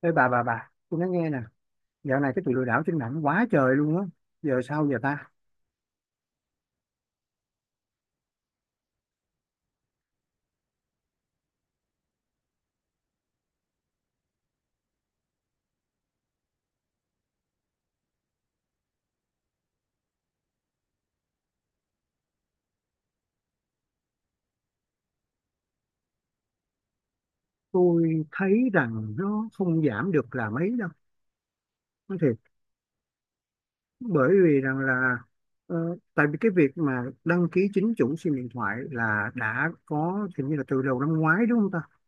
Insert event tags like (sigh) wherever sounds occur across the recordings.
Ê bà, tôi nói nghe nè, dạo này cái tụi lừa đảo trên mạng quá trời luôn á, giờ sao giờ ta? Tôi thấy rằng nó không giảm được là mấy đâu, nói thiệt, bởi vì rằng là ờ, tại vì cái việc mà đăng ký chính chủ SIM điện thoại là đã có thì như là từ đầu năm ngoái đúng không ta?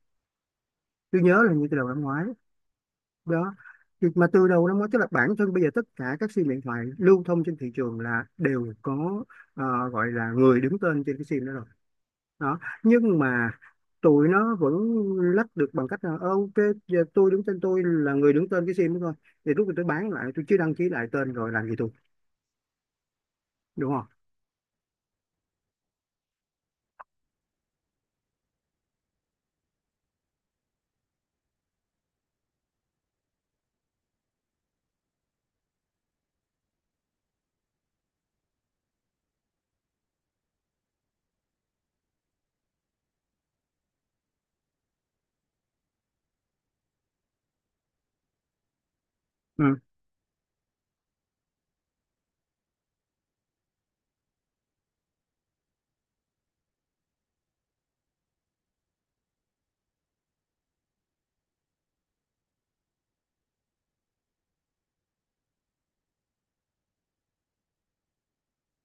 Tôi nhớ là như từ đầu năm ngoái đó. Thì mà từ đầu năm ngoái tức là bản thân bây giờ tất cả các SIM điện thoại lưu thông trên thị trường là đều có, gọi là người đứng tên trên cái SIM đó rồi đó, nhưng mà tụi nó vẫn lách được bằng cách là: "Ờ, ok, giờ tôi đứng tên, tôi là người đứng tên cái sim đó thôi, thì lúc mà tôi bán lại tôi chỉ đăng ký lại tên, rồi làm gì tôi, đúng không?" Ừ.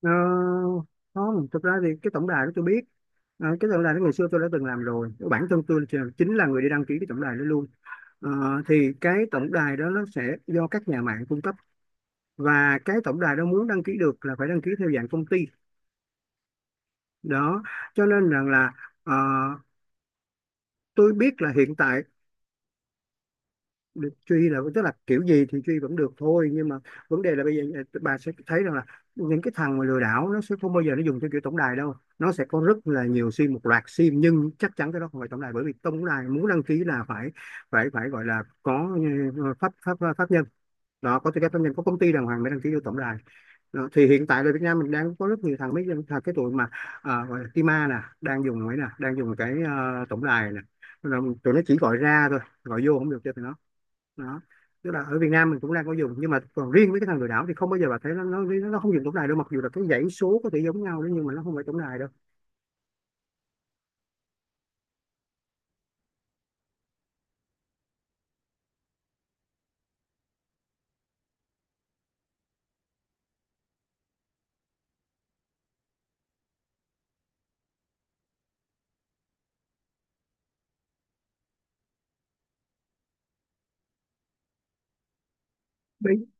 ờ, Không, thực ra thì cái tổng đài đó tôi biết. Ờ, cái tổng đài đó ngày xưa tôi đã từng làm rồi, bản thân chính là người đi đăng ký cái tổng đài đó luôn. Ờ, thì cái tổng đài đó nó sẽ do các nhà mạng cung cấp, và cái tổng đài đó muốn đăng ký được là phải đăng ký theo dạng công ty đó, cho nên rằng là ờ, tôi biết là hiện tại được truy là, tức là kiểu gì thì truy vẫn được thôi, nhưng mà vấn đề là bây giờ, à, bà sẽ thấy rằng là những cái thằng mà lừa đảo nó sẽ không bao giờ nó dùng theo kiểu tổng đài đâu. Nó sẽ có rất là nhiều sim, một loạt sim, nhưng chắc chắn cái đó không phải tổng đài, bởi vì tổng đài muốn đăng ký là phải phải phải gọi là có, ừ, pháp pháp pháp nhân đó, có tư cách pháp nhân, có công ty đàng hoàng mới đăng ký vô tổng đài đó. Thì hiện tại ở Việt Nam mình đang có rất nhiều thằng, mấy thằng cái tụi mà, à, gọi là Tima nè, đang dùng ấy nè, đang dùng cái tổng đài nè. Rồi tụi nó chỉ gọi ra thôi, gọi vô không được cho tụi nó đó. Tức là ở Việt Nam mình cũng đang có dùng, nhưng mà còn riêng với cái thằng lừa đảo thì không bao giờ bà thấy nó, nó không dùng tổng đài đâu, mặc dù là cái dãy số có thể giống nhau đấy, nhưng mà nó không phải tổng đài đâu. Bây- (clears throat)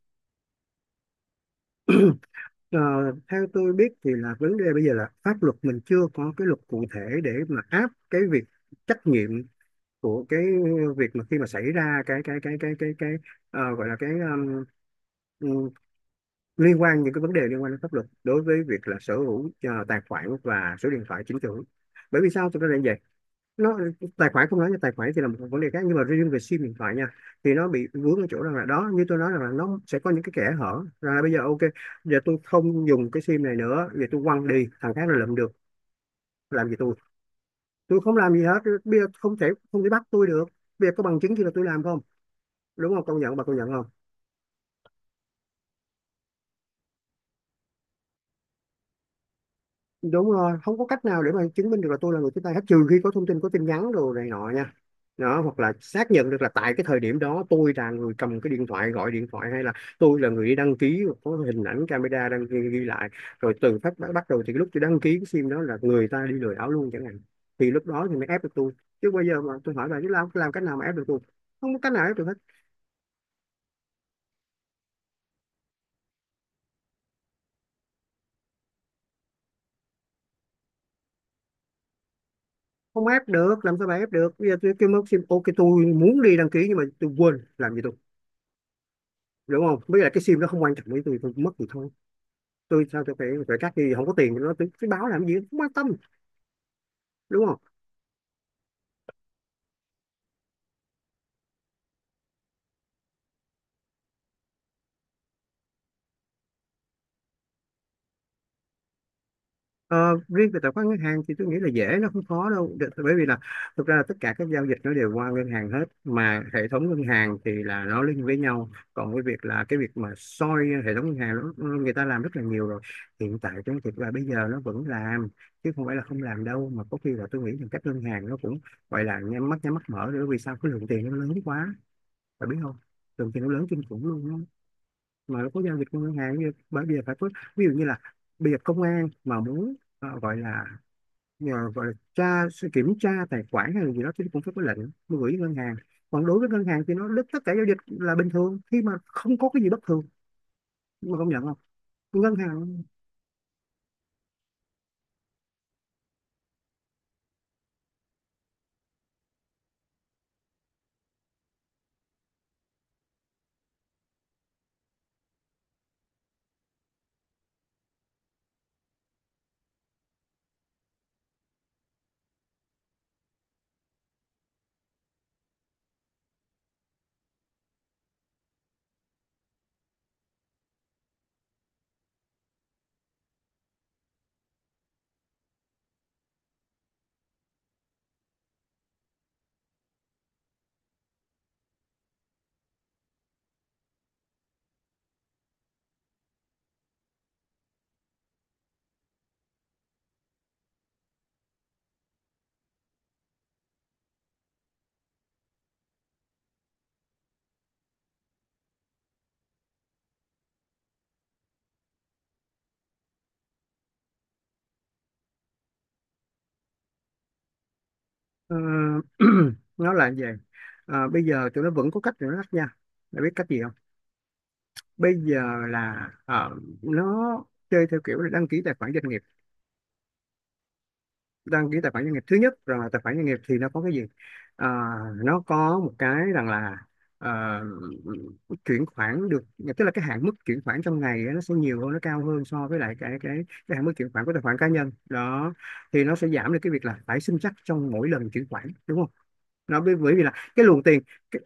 (coughs) Ờ, theo tôi biết thì là vấn đề bây giờ là pháp luật mình chưa có cái luật cụ thể để mà áp cái việc trách nhiệm của cái việc mà khi mà xảy ra cái gọi là cái, um, liên quan những cái vấn đề liên quan đến pháp luật đối với việc là sở hữu, tài khoản và số điện thoại chính chủ. Bởi vì sao tôi nói là như vậy? Nó, tài khoản không nói nha, tài khoản thì là một vấn đề khác, nhưng mà riêng về sim điện thoại nha, thì nó bị vướng ở chỗ rằng là đó, như tôi nói rằng là nó sẽ có những cái kẽ hở rằng là bây giờ ok, giờ tôi không dùng cái sim này nữa, vậy tôi quăng đi, thằng khác là lượm được, làm gì tôi không làm gì hết, bây giờ không thể bắt tôi được, bây giờ có bằng chứng gì là tôi làm không, đúng không? Công nhận bà, công nhận không? Đúng rồi, không có cách nào để mà chứng minh được là tôi là người tiếp tay hết, trừ khi có thông tin, có tin nhắn đồ này nọ nha. Đó, hoặc là xác nhận được là tại cái thời điểm đó tôi là người cầm cái điện thoại, gọi điện thoại, hay là tôi là người đi đăng ký có hình ảnh camera đăng ghi, ghi lại, rồi từ phát bắt bắt đầu thì lúc tôi đăng ký cái sim đó là người ta đi lừa đảo luôn chẳng hạn, thì lúc đó thì mới ép được tôi, chứ bây giờ mà tôi hỏi bà chứ làm cách nào mà ép được tôi? Không có cách nào ép được hết. Không ép được, làm sao bà ép được? Bây giờ tôi kêu mất sim, ok, tôi muốn đi đăng ký nhưng mà tôi quên, làm gì tôi, đúng không? Với lại cái sim nó không quan trọng với tôi mất thì thôi, tôi sao tôi phải phải cắt, thì không có tiền thì nó, tôi báo làm gì, không quan tâm, đúng không? Ờ, riêng về tài khoản ngân hàng thì tôi nghĩ là dễ, nó không khó đâu. Bởi vì là thực ra là tất cả các giao dịch nó đều qua ngân hàng hết, mà hệ thống ngân hàng thì là nó link với nhau, còn cái việc là cái việc mà soi hệ thống ngân hàng nó, người ta làm rất là nhiều rồi. Hiện tại trong thực ra bây giờ nó vẫn làm, chứ không phải là không làm đâu, mà có khi là tôi nghĩ rằng các ngân hàng nó cũng gọi là nhắm mắt mở nữa, vì sao, cái lượng tiền nó lớn quá, bạn biết không, thường thì nó lớn kinh khủng luôn á, mà nó có giao dịch qua ngân hàng, như bởi vì phải có, ví dụ như là bây giờ công an mà muốn, gọi là nhờ, gọi là tra, kiểm tra tài khoản hay là gì đó, thì cũng phải có lệnh mới gửi ngân hàng. Còn đối với ngân hàng thì nó đứt tất cả giao dịch là bình thường, khi mà không có cái gì bất thường, mà công nhận không? Ngân hàng, ờ, (clears throat) nó là gì. Ờ, bây giờ tụi nó vẫn có cách để nó lách nha. Mày biết cách gì không? Bây giờ là nó chơi theo kiểu là đăng ký tài khoản doanh nghiệp. Đăng ký tài khoản doanh nghiệp thứ nhất rằng là tài khoản doanh nghiệp thì nó có cái gì? Ờ, nó có một cái rằng là, ờ, chuyển khoản được, tức là cái hạn mức chuyển khoản trong ngày á, nó sẽ nhiều hơn, nó cao hơn so với lại cái cái hạn mức chuyển khoản của tài khoản cá nhân đó, thì nó sẽ giảm được cái việc là phải xin chắc trong mỗi lần chuyển khoản, đúng không? Nó bởi bởi vì là cái luồng tiền, cái,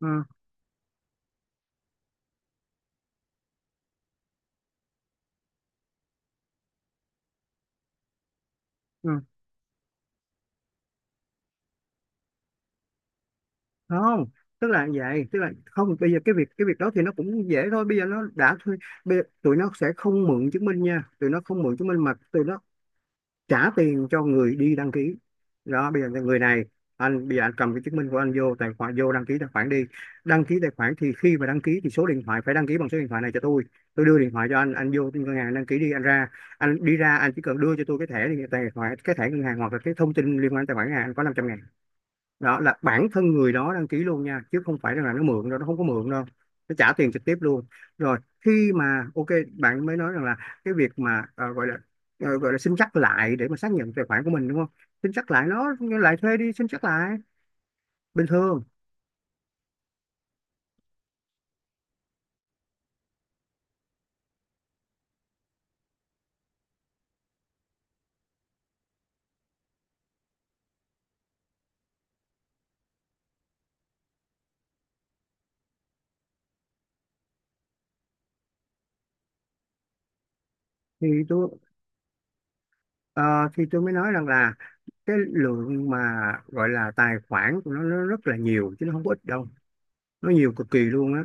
ờ, ờ, không, tức là vậy, tức là không, bây giờ cái việc đó thì nó cũng dễ thôi, bây giờ nó đã thuê. Bây giờ, tụi nó sẽ không mượn chứng minh nha, tụi nó không mượn chứng minh mà tụi nó trả tiền cho người đi đăng ký đó. Bây giờ người này, anh, bây giờ anh cầm cái chứng minh của anh vô tài khoản, vô đăng ký tài khoản đi, đăng ký tài khoản thì khi mà đăng ký thì số điện thoại phải đăng ký bằng số điện thoại này cho tôi đưa điện thoại cho anh vô ngân hàng đăng ký đi, anh ra, anh đi ra anh chỉ cần đưa cho tôi cái thẻ này, tài khoản, cái thẻ ngân hàng, hoặc là cái thông tin liên quan đến tài khoản ngân hàng, anh có 500 ngàn. Đó là bản thân người đó đăng ký luôn nha, chứ không phải rằng là nó mượn đâu, nó không có mượn đâu, nó trả tiền trực tiếp luôn. Rồi, khi mà ok, bạn mới nói rằng là cái việc mà, gọi là, gọi là xin chắc lại để mà xác nhận tài khoản của mình, đúng không? Xin chắc lại, nó lại thuê đi xin chắc lại bình thường. Thì tôi, ờ, thì tôi mới nói rằng là cái lượng mà gọi là tài khoản của nó rất là nhiều chứ nó không có ít đâu, nó nhiều cực kỳ luôn á.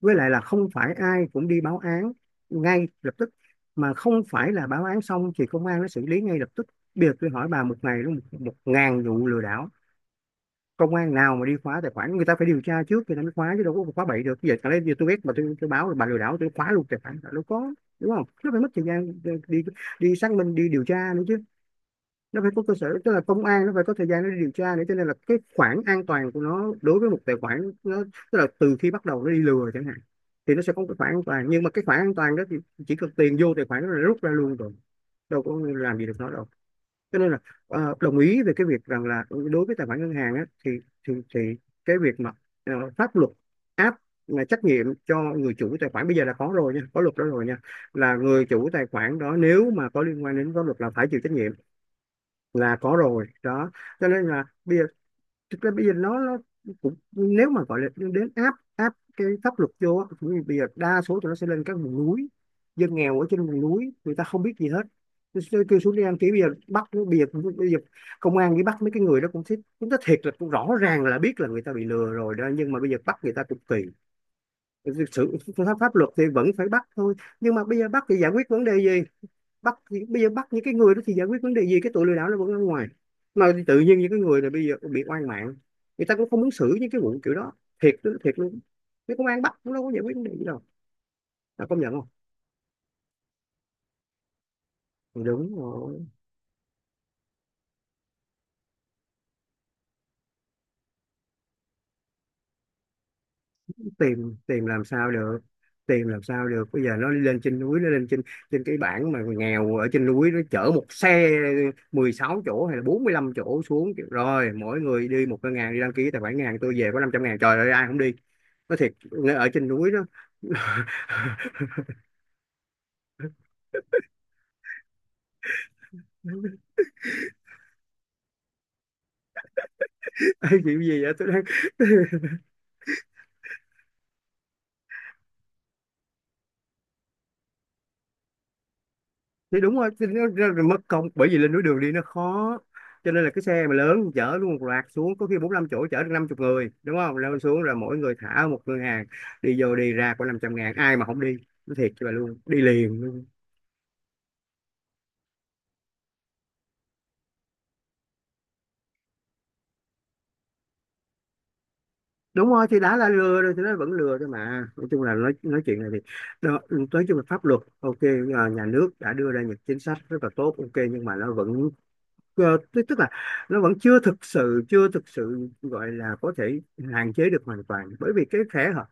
Với lại là không phải ai cũng đi báo án ngay lập tức, mà không phải là báo án xong thì công an nó xử lý ngay lập tức. Bây giờ tôi hỏi bà, một ngày nó 1.000 vụ lừa đảo, công an nào mà đi khóa tài khoản? Người ta phải điều tra trước, người ta mới khóa, chứ đâu có khóa bậy được. Giờ chẳng lẽ giờ tôi biết mà tôi báo là bà lừa đảo tôi khóa luôn tài khoản, đâu có, đúng không? Nó phải mất thời gian đi, đi xác minh, đi điều tra nữa chứ, nó phải có cơ sở, tức là công an nó phải có thời gian để điều tra nữa, cho nên là cái khoảng an toàn của nó đối với một tài khoản nó, tức là từ khi bắt đầu nó đi lừa chẳng hạn, thì nó sẽ có một cái khoản an toàn. Nhưng mà cái khoản an toàn đó thì chỉ cần tiền vô tài khoản nó là rút ra luôn rồi, đâu có làm gì được nó đâu. Cho nên là đồng ý về cái việc rằng là đối với tài khoản ngân hàng á, thì cái việc mà pháp luật áp là trách nhiệm cho người chủ tài khoản bây giờ là có rồi nha, có luật đó rồi nha, là người chủ tài khoản đó nếu mà có liên quan đến pháp luật là phải chịu trách nhiệm, là có rồi đó. Cho nên là bây giờ, thực ra bây giờ nó cũng nếu mà gọi là đến áp áp cái pháp luật vô á, cũng như bây giờ đa số tụi nó sẽ lên các vùng núi, dân nghèo ở trên vùng núi người ta không biết gì hết. Tôi kêu xuống đi đăng ký, bây giờ bây giờ, bây giờ công an đi bắt mấy cái người đó cũng thích, cũng nói thiệt là cũng rõ ràng là biết là người ta bị lừa rồi đó, nhưng mà bây giờ bắt người ta cũng kỳ. Thực sự pháp pháp luật thì vẫn phải bắt thôi, nhưng mà bây giờ bắt thì giải quyết vấn đề gì? Bắt, bây giờ bắt những cái người đó thì giải quyết vấn đề gì? Cái tụi lừa đảo nó vẫn ở ngoài, mà tự nhiên những cái người này bây giờ bị oan mạng. Người ta cũng không muốn xử những cái vụ kiểu đó, thiệt đó, thiệt luôn. Cái công an bắt cũng đâu có giải quyết vấn đề gì đâu, là công nhận không? Đúng rồi. Tìm tìm làm sao được, tìm làm sao được? Bây giờ nó lên trên núi, nó lên trên, trên cái bảng mà người nghèo ở trên núi, nó chở một xe 16 chỗ hay là 45 chỗ xuống kiểu, rồi mỗi người đi một cái ngàn đi đăng ký tài khoản ngàn, tôi về có 500.000, trời ơi, ai không đi? Nó thiệt, ở trên núi đó. Ê, kiểu gì vậy? Tôi đang (laughs) thì đúng rồi, thì nó ra mất công bởi vì lên núi đường đi nó khó, cho nên là cái xe mà lớn chở luôn một loạt xuống, có khi bốn năm chỗ chở được 50 người, đúng không? Lên xuống rồi mỗi người thả ở một ngân hàng, đi vô đi ra có 500.000, ai mà không đi? Nó thiệt cho bà luôn, đi liền luôn. Đúng rồi, thì đã là lừa rồi thì nó vẫn lừa thôi mà. Nói chung là nói chuyện này thì đó, nói chung là pháp luật ok, à, nhà nước đã đưa ra những chính sách rất là tốt, ok, nhưng mà nó vẫn Ờ, tức tức là nó vẫn chưa thực sự gọi là có thể hạn chế được hoàn toàn, bởi vì cái kẽ hở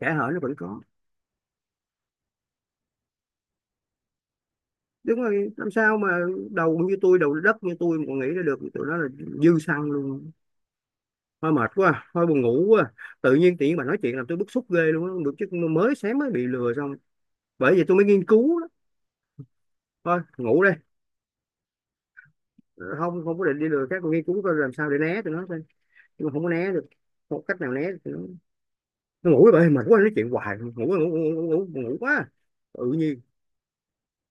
kẽ hở nó vẫn có. Đúng rồi, làm sao mà, đầu đất như tôi mà còn nghĩ ra được, tụi nó là dư xăng luôn. Thôi mệt quá, thôi buồn ngủ quá. Tự nhiên tiện bà nói chuyện làm tôi bức xúc ghê luôn á, được chứ, mới sáng mới bị lừa xong, bởi vì tôi mới nghiên cứu đó. Thôi ngủ đây. Ờ, Không, không có định đi lừa các con, nghiên cứu coi làm sao để né tụi nó thôi, nhưng mà không có né được, không có cách nào né được. Nó ngủ vậy, mệt quá nói chuyện hoài, ngủ ngủ ngủ ngủ, ngủ, ngủ quá. Tự nhiên